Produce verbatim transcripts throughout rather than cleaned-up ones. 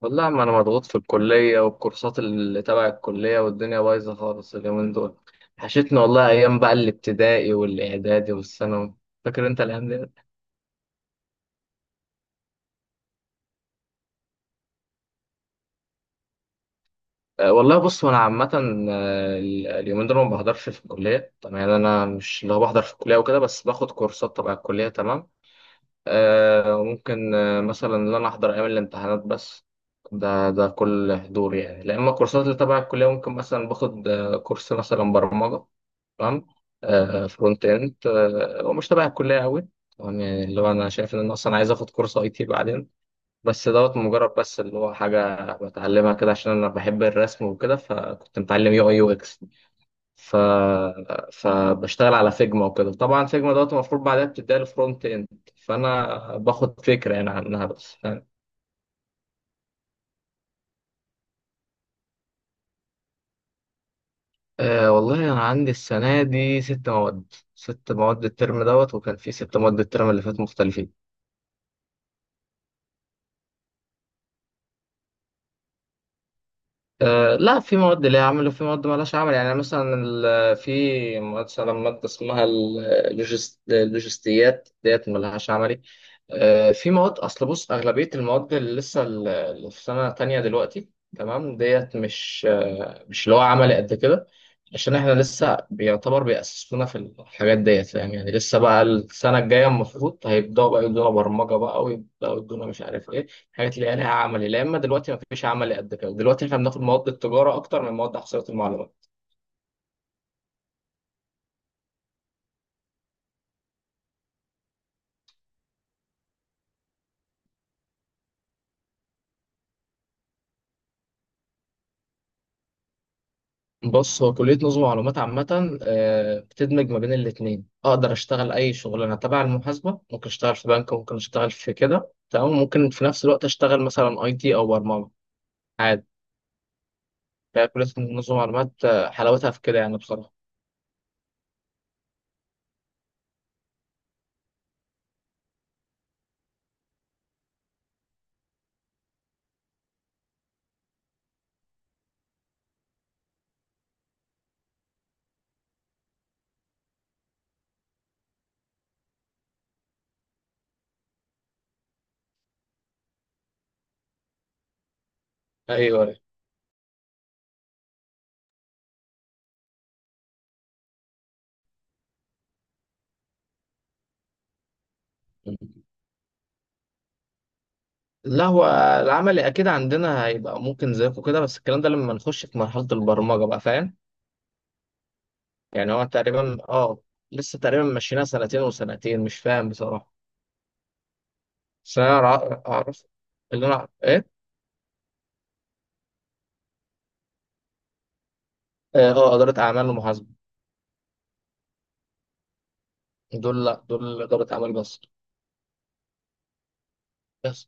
والله ما انا مضغوط في الكليه والكورسات اللي تبع الكليه والدنيا بايظه خالص اليومين دول. وحشتني والله ايام بقى الابتدائي والاعدادي والثانوي. فاكر انت الايام دي؟ أه والله بص وانا عامه آه، ال- اليومين دول ما بحضرش في الكليه طبعا، يعني انا مش اللي هو بحضر في الكليه وكده، بس باخد كورسات تبع الكليه. تمام. أه ممكن آه، مثلا ان انا احضر ايام الامتحانات بس. ده ده كل حضور يعني، لا اما الكورسات اللي تبع الكليه ممكن مثلا باخد آه، كورس مثلا برمجه. تمام. آه فرونت اند، آه هو مش تبع الكليه قوي. تمام، يعني اللي هو انا شايف ان انا اصلا عايز اخد كورس اي تي بعدين، بس دوت مجرد، بس اللي هو حاجه بتعلمها كده عشان انا بحب الرسم وكده، فكنت متعلم يو اي يو اكس. ف فبشتغل على فيجما وكده، طبعا فيجما دوت المفروض بعدها بتديها الفرونت اند. فانا باخد فكره يعني عنها، بس فاهم؟ أه والله انا عندي السنه دي ست مواد. ست مواد الترم دوت، وكان في ست مواد الترم اللي فات مختلفين. أه لا، في مواد ليها عمل وفي مواد مالهاش عمل. يعني مثلا ال- في مثلا مادة اسمها اللوجست- اللوجستيات ديت مالهاش عملي. أه في مواد، أصل بص أغلبية المواد اللي لسه ال- اللي في سنة تانية دلوقتي، تمام، ديت مش آه، مش اللي هو عملي قد كده، عشان احنا لسه بيعتبر بيأسسونا في الحاجات ديت، فاهم؟ يعني لسه بقى السنة الجاية المفروض هيبدأوا بقى يدونا برمجة بقى، ويبدأوا يدونا مش عارف ايه، حاجات اللي هي لها عملي. لا اما دلوقتي ما فيش عملي قد كده، دلوقتي احنا بناخد مواد التجاره اكتر من مواد احصائيه المعلومات. بص هو كليه نظم معلومات عامه آه، بتدمج ما بين الاثنين. اقدر اشتغل اي شغلانه تبع المحاسبه، ممكن اشتغل في بنك، ممكن اشتغل في كده، تمام، ممكن في نفس الوقت اشتغل مثلا اي تي او برمجه، عادي. فكليه نظم معلومات آه، حلاوتها في كده يعني بصراحه. ايوه. لا، هو العملي اكيد عندنا هيبقى ممكن زيكم كده، بس الكلام ده لما نخش في مرحله البرمجه بقى، فاهم؟ يعني هو تقريبا، اه لسه تقريبا ماشيينها سنتين وسنتين، مش فاهم بصراحة. بس أنا أع- أعرف. اللي أنا أعرف- إيه؟ آه آه، إدارة أعمال ومحاسبة. دول لأ، دول إدارة أعمال بس. بس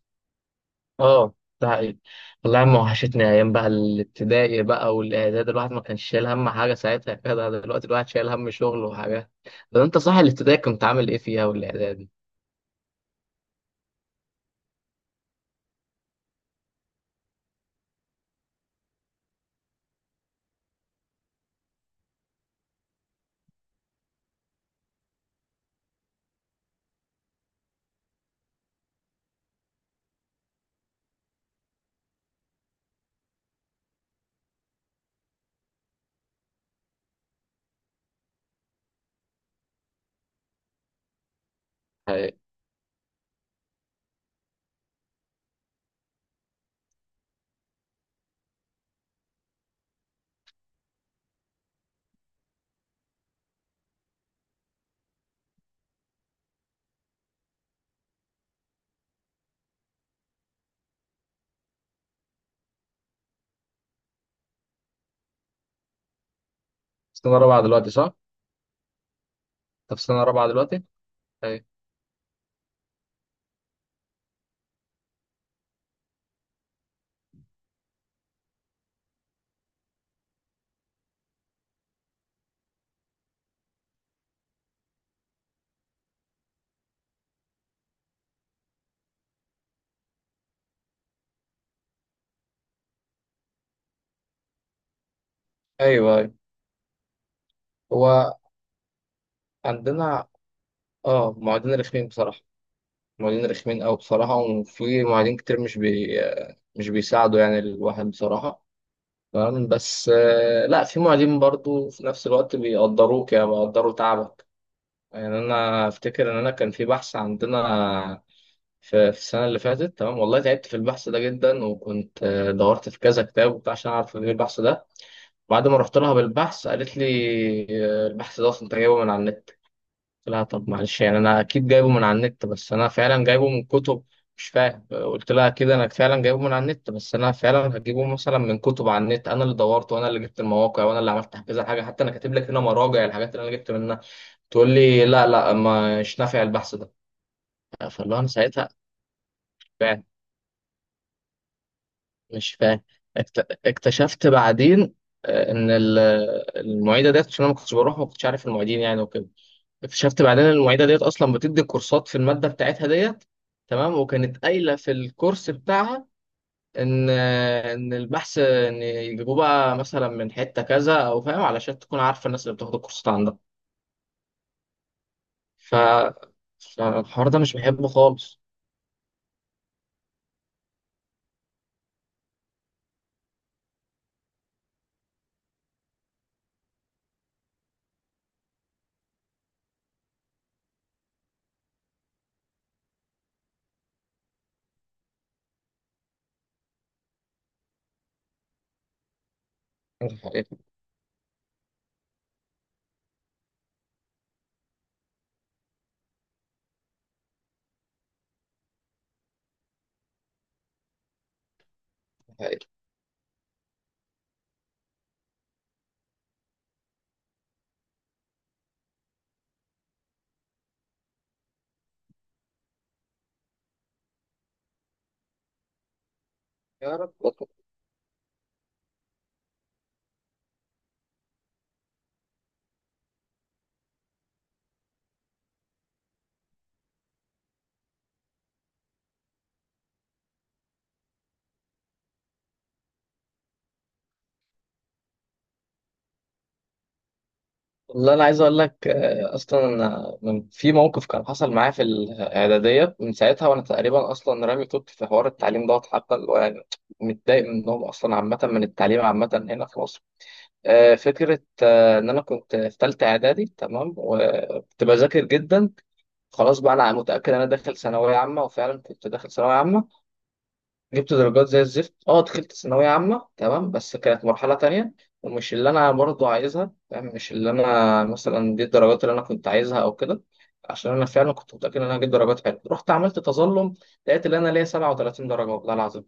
آه، ده حقيقي. والله يا عم وحشتني أيام بقى الابتدائي بقى والإعداد، الواحد ما كانش شايل هم حاجة ساعتها كده، دلوقتي الواحد شايل هم شغل وحاجات. طب أنت صح، الابتدائي كنت عامل إيه فيها والإعدادي؟ حقيقي. سنة رابعة دلوقتي صح؟ أنت في سنة رابعة دلوقتي؟ أيوه أيوه أيوه. هو عندنا آه، معيدين رخمين بصراحة. معيدين رخمين أوي بصراحة، وفي معيدين كتير مش بي مش بيساعدوا يعني الواحد بصراحة. تمام، بس آه، لا في معيدين برضو في نفس الوقت بيقدروك، يعني بيقدروا تعبك. يعني أنا أفتكر إن أنا كان في بحث عندنا في في السنة اللي فاتت، تمام، والله تعبت في البحث ده جدا، وكنت آه، دورت في كذا كتاب وبتاع عشان أعرف إيه البحث ده. بعد ما رحت لها بالبحث قالت لي آه، البحث ده أصلا أنت جايبه من على النت. لا طب معلش، يعني انا اكيد جايبه من على النت بس انا فعلا جايبه من كتب. مش فاهم. قلت لها كده، انا فعلا جايبه من على النت، بس انا فعلا هجيبه مثلا من كتب على النت، انا اللي دورت وانا اللي جبت المواقع وانا اللي عملت كذا حاجه، حتى انا كاتب لك هنا مراجع الحاجات اللي انا جبت منها. تقول لي لا لا، مش نافع البحث ده. فاللي هو انا ساعتها، فاهم؟ مش فاهم. اكت- اكتشفت بعدين آه، ان ال- المعيده ديت، عشان انا ما كنتش بروح، ما كنتش عارف المعيدين يعني وكده. اكتشفت بعدين إن المعيده ديت اصلا بتدي كورسات في الماده بتاعتها ديت. تمام. وكانت قايله في الكورس بتاعها ان ان البحث ان يجيبوه بقى مثلا من حته كذا او، فاهم؟ علشان تكون عارفه الناس اللي بتاخد الكورسات عندها. ف فالحوار ده مش بحبه خالص. الحقيقة- الحقيقة. يا رب. والله انا عايز اقول لك آه، اصلا أنا من- في موقف كان حصل معايا في الاعداديه، من ساعتها وانا تقريبا اصلا رامي توت في حوار التعليم دوت، حتى اللي هو يعني متضايق منهم اصلا عامه، من التعليم عامه هنا في مصر. آه، فكره آه، ان انا كنت في ثالثه اعدادي، تمام، وكنت بذاكر جدا. خلاص بقى انا متاكد ان انا داخل ثانويه عامه، وفعلا كنت داخل ثانويه عامه. جبت درجات زي الزفت. اه دخلت ثانوية عامة، تمام، بس كانت مرحلة تانية، ومش اللي أنا برضو عايزها، فاهم؟ مش اللي أنا مثلا، دي الدرجات اللي أنا كنت عايزها أو كده، عشان أنا فعلا كنت متأكد إن أنا هجيب درجات حلوة. رحت عملت تظلم، لقيت إن أنا ليا سبعة وثلاثين درجة، والله العظيم.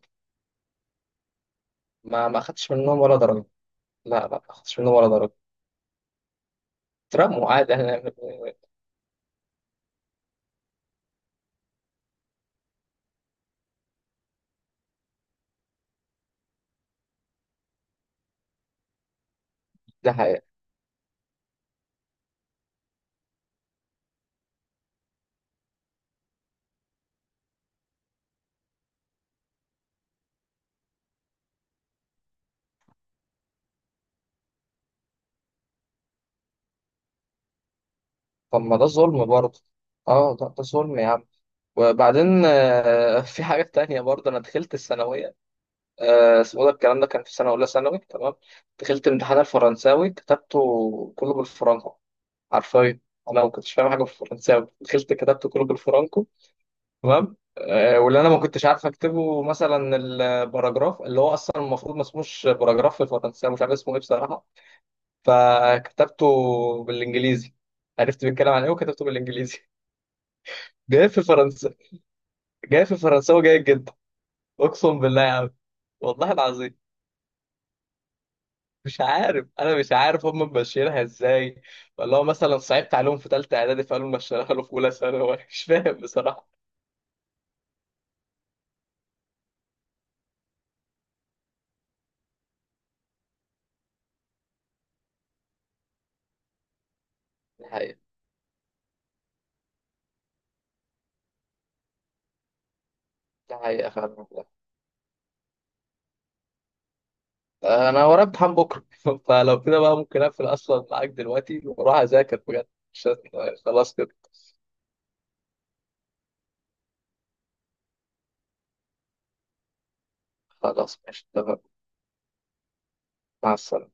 ما ما أخدتش منهم ولا درجة. لا لا، ما أخدتش منهم ولا درجة. اترموا عادي أنا. ده حقيقة. طب ما ده ظلم برضه. اه ده ده ظلم يا عم. وبعدين آه، في حاجة تانية برضه أنا دخلت الثانوية. آه، اسمه، ده الكلام ده كان في سنة أولى ثانوي، تمام. دخلت امتحان الفرنساوي كتبته كله بالفرنكو، حرفيا. أنا ما كنتش فاهم حاجة في الفرنساوي، دخلت كتبته كله بالفرنكو. تمام آه، واللي أنا ما كنتش عارف أكتبه مثلا الباراجراف، اللي هو أصلا المفروض ما اسموش باراجراف في الفرنساوي، مش عارف اسمه إيه بصراحة. فكتبته بالإنجليزي، عرفت بيتكلم عن إيه وكتبته بالإنجليزي جاي في فرنسا، جاي في فرنساوي جيد جدا. أقسم بالله يا عم. والله العظيم. مش عارف، انا مش عارف هم ماشيينها ازاي، ولا هو مثلا صعبت عليهم في ثالثه اعدادي فقالوا ماشيينها له في اولى ثانوي مش فاهم بصراحه. ده حقيقه. ده حقيقه فعلا والله. انا ورايا امتحان بكره فلو كده بقى ممكن اقفل اصلا معاك دلوقتي واروح اذاكر بجد. مش هت- خلاص كده. خلاص ماشي تمام. مع السلامه.